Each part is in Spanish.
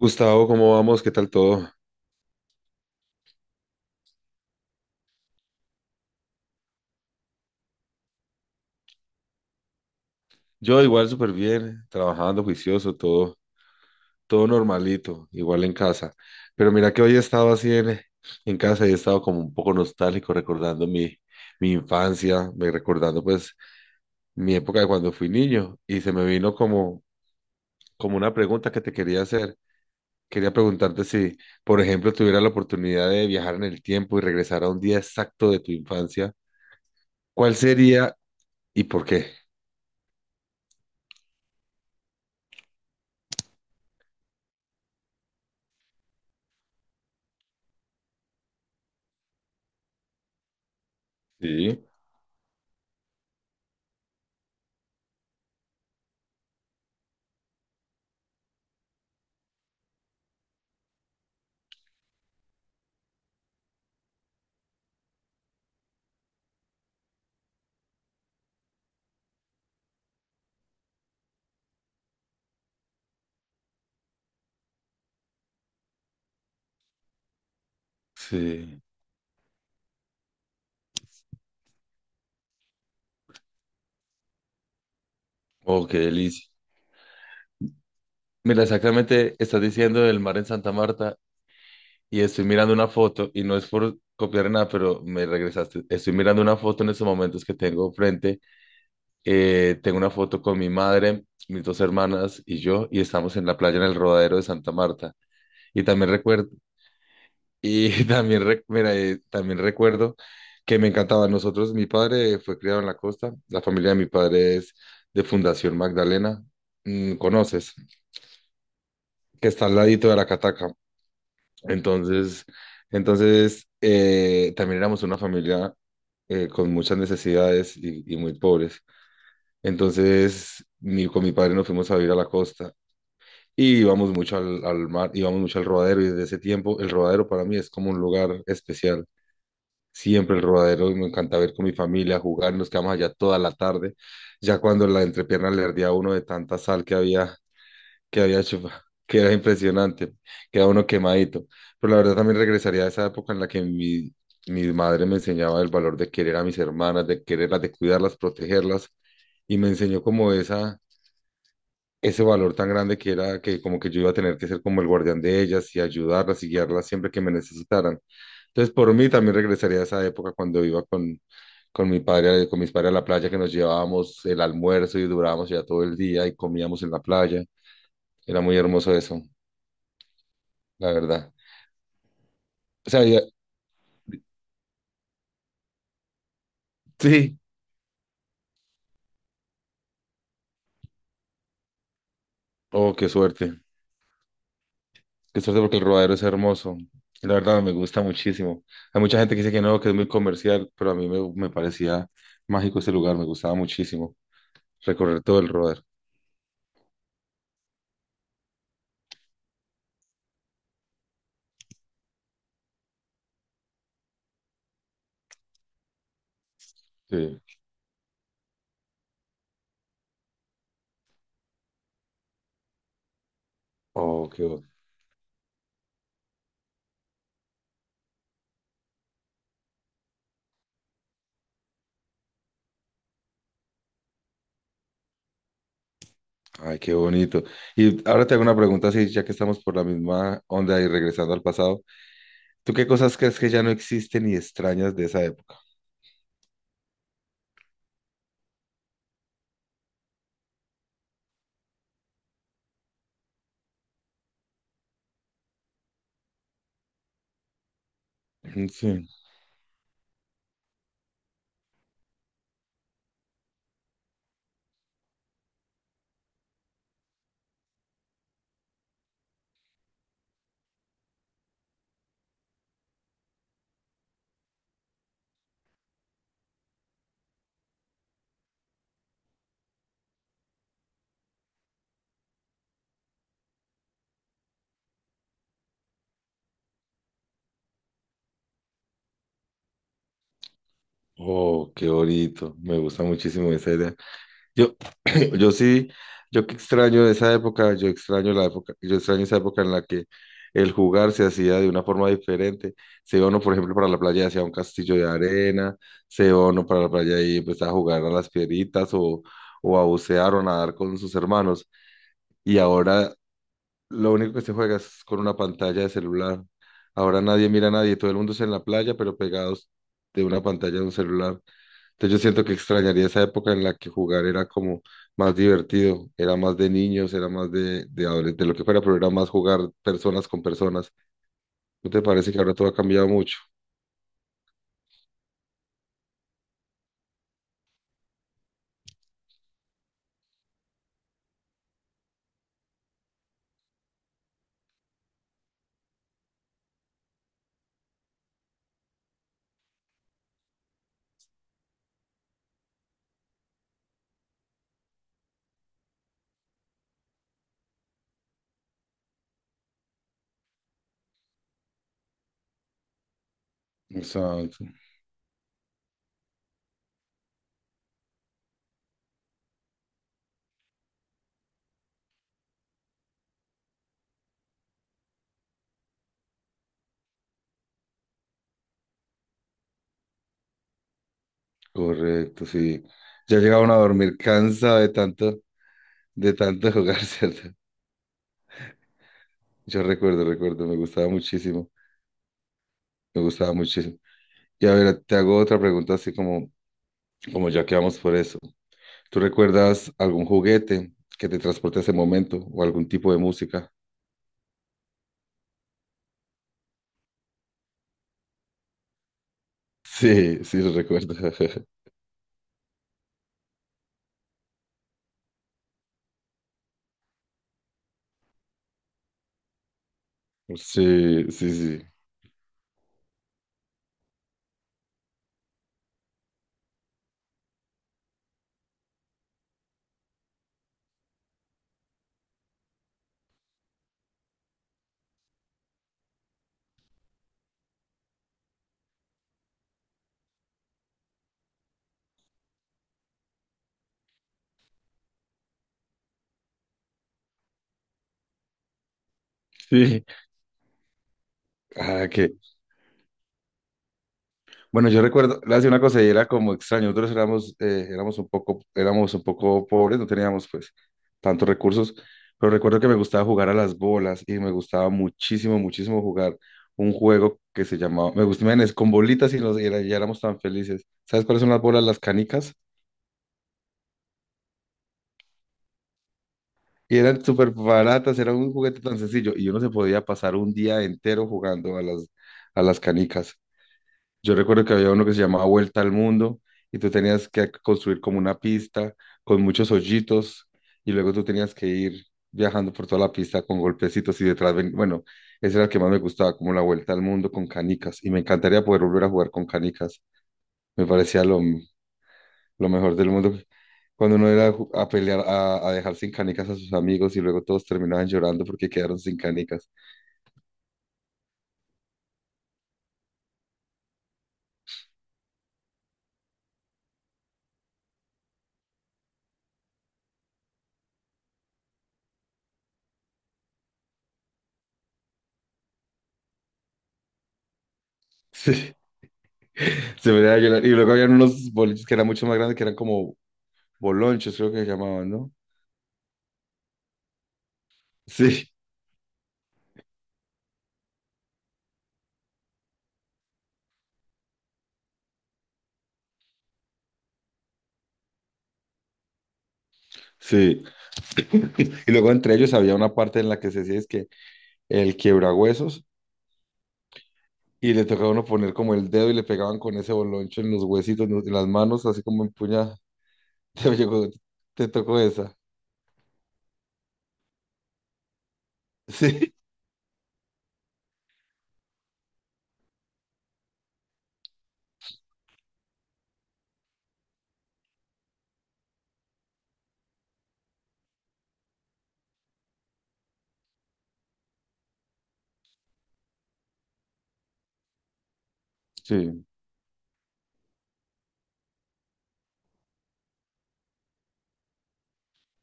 Gustavo, ¿cómo vamos? ¿Qué tal todo? Yo igual súper bien, trabajando juicioso, todo, todo normalito, igual en casa. Pero mira que hoy he estado así en casa y he estado como un poco nostálgico recordando mi infancia, me recordando pues mi época de cuando fui niño y se me vino como una pregunta que te quería hacer. Quería preguntarte si, por ejemplo, tuviera la oportunidad de viajar en el tiempo y regresar a un día exacto de tu infancia, ¿cuál sería y por qué? Sí, sí. Oh, qué delicia. Mira, exactamente estás diciendo del mar en Santa Marta y estoy mirando una foto y no es por copiar nada, pero me regresaste. Estoy mirando una foto en estos momentos que tengo frente. Tengo una foto con mi madre, mis dos hermanas y yo y estamos en la playa en el Rodadero de Santa Marta. Y también recuerdo, y también, mira, también recuerdo que me encantaba. Nosotros, mi padre fue criado en la costa, la familia de mi padre es de Fundación Magdalena. Mm, ¿conoces? Que está al ladito de la cataca. Entonces, entonces, también éramos una familia con muchas necesidades y muy pobres. Entonces, con mi padre nos fuimos a vivir a la costa y íbamos mucho al mar, íbamos mucho al rodadero y desde ese tiempo el rodadero para mí es como un lugar especial. Siempre el rodadero, me encanta ver con mi familia, jugar, nos quedamos allá toda la tarde. Ya cuando la entrepierna le ardía a uno de tanta sal que había hecho, que era impresionante, queda uno quemadito. Pero la verdad también regresaría a esa época en la que mi madre me enseñaba el valor de querer a mis hermanas, de quererlas, de cuidarlas, protegerlas, y me enseñó como ese valor tan grande que era que como que yo iba a tener que ser como el guardián de ellas y ayudarlas y guiarlas siempre que me necesitaran. Entonces, por mí también regresaría a esa época cuando iba con... Con mi padre, con mis padres a la playa, que nos llevábamos el almuerzo y durábamos ya todo el día y comíamos en la playa. Era muy hermoso eso. La verdad. O sea, ya... Sí. Oh, qué suerte. Qué suerte porque el rodadero es hermoso. Y la verdad me gusta muchísimo. Hay mucha gente que dice que no, que es muy comercial, pero a mí me parecía mágico ese lugar, me gustaba muchísimo recorrer todo el rodadero. Sí. Oh, qué, bo... Ay, qué bonito. Y ahora te hago una pregunta, así, ya que estamos por la misma onda y regresando al pasado. ¿Tú qué cosas crees que ya no existen y extrañas de esa época? Mm, sí. Oh, qué bonito. Me gusta muchísimo esa idea. Yo, yo sí, yo que extraño esa época, yo extraño la época, yo extraño esa época en la que el jugar se hacía de una forma diferente. Se iba uno, por ejemplo, para la playa y hacía un castillo de arena, se iba uno para la playa y empezaba a jugar a las piedritas o a bucear o a nadar con sus hermanos. Y ahora lo único que se juega es con una pantalla de celular. Ahora nadie mira a nadie, todo el mundo es en la playa, pero pegados de una pantalla de un celular. Entonces yo siento que extrañaría esa época en la que jugar era como más divertido, era más de niños, era más de adolescentes, de lo que fuera, pero era más jugar personas con personas. ¿No te parece que ahora todo ha cambiado mucho? Exacto. Correcto, sí. Ya llegaba a dormir cansado de tanto jugar, ¿cierto? Me gustaba muchísimo, me gustaba muchísimo. Y a ver, te hago otra pregunta así como ya que vamos por eso. ¿Tú recuerdas algún juguete que te transporte a ese momento o algún tipo de música? Sí, sí, lo recuerdo. Sí, sí, sí. Sí. Ah, que. Bueno, yo recuerdo, le hacía una cosa y era como extraño. Nosotros éramos un poco pobres, no teníamos pues tantos recursos, pero recuerdo que me gustaba jugar a las bolas y me gustaba muchísimo, muchísimo jugar un juego que se llamaba, me gustaba, men, es con bolitas y y éramos tan felices. ¿Sabes cuáles son las bolas? Las canicas. Y eran súper baratas, era un juguete tan sencillo y uno se podía pasar un día entero jugando a a las canicas. Yo recuerdo que había uno que se llamaba Vuelta al Mundo y tú tenías que construir como una pista con muchos hoyitos y luego tú tenías que ir viajando por toda la pista con golpecitos y detrás, bueno, ese era el que más me gustaba, como la Vuelta al Mundo con canicas y me encantaría poder volver a jugar con canicas. Me parecía lo mejor del mundo. Cuando uno era a pelear, a dejar sin canicas a sus amigos y luego todos terminaban llorando porque quedaron sin canicas. Sí. Se me da a llorar. Y luego habían unos boliches que eran mucho más grandes, que eran como Bolonchos creo que se llamaban, ¿no? Sí, sí. Y luego entre ellos había una parte en la que se decía es que el quiebrahuesos y le tocaba a uno poner como el dedo y le pegaban con ese boloncho en los huesitos, en las manos, así como empuñada. Te, llegó- Te tocó esa. Sí, sí,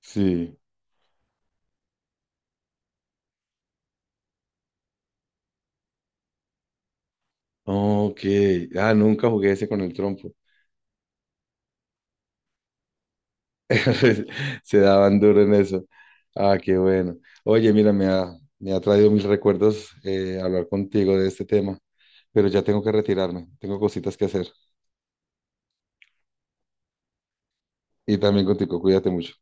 sí. Ok. Ah, nunca jugué ese con el trompo. Se daban duro en eso. Ah, qué bueno. Oye, mira, me ha traído mis recuerdos hablar contigo de este tema, pero ya tengo que retirarme, tengo cositas que hacer. Y también contigo, cuídate mucho.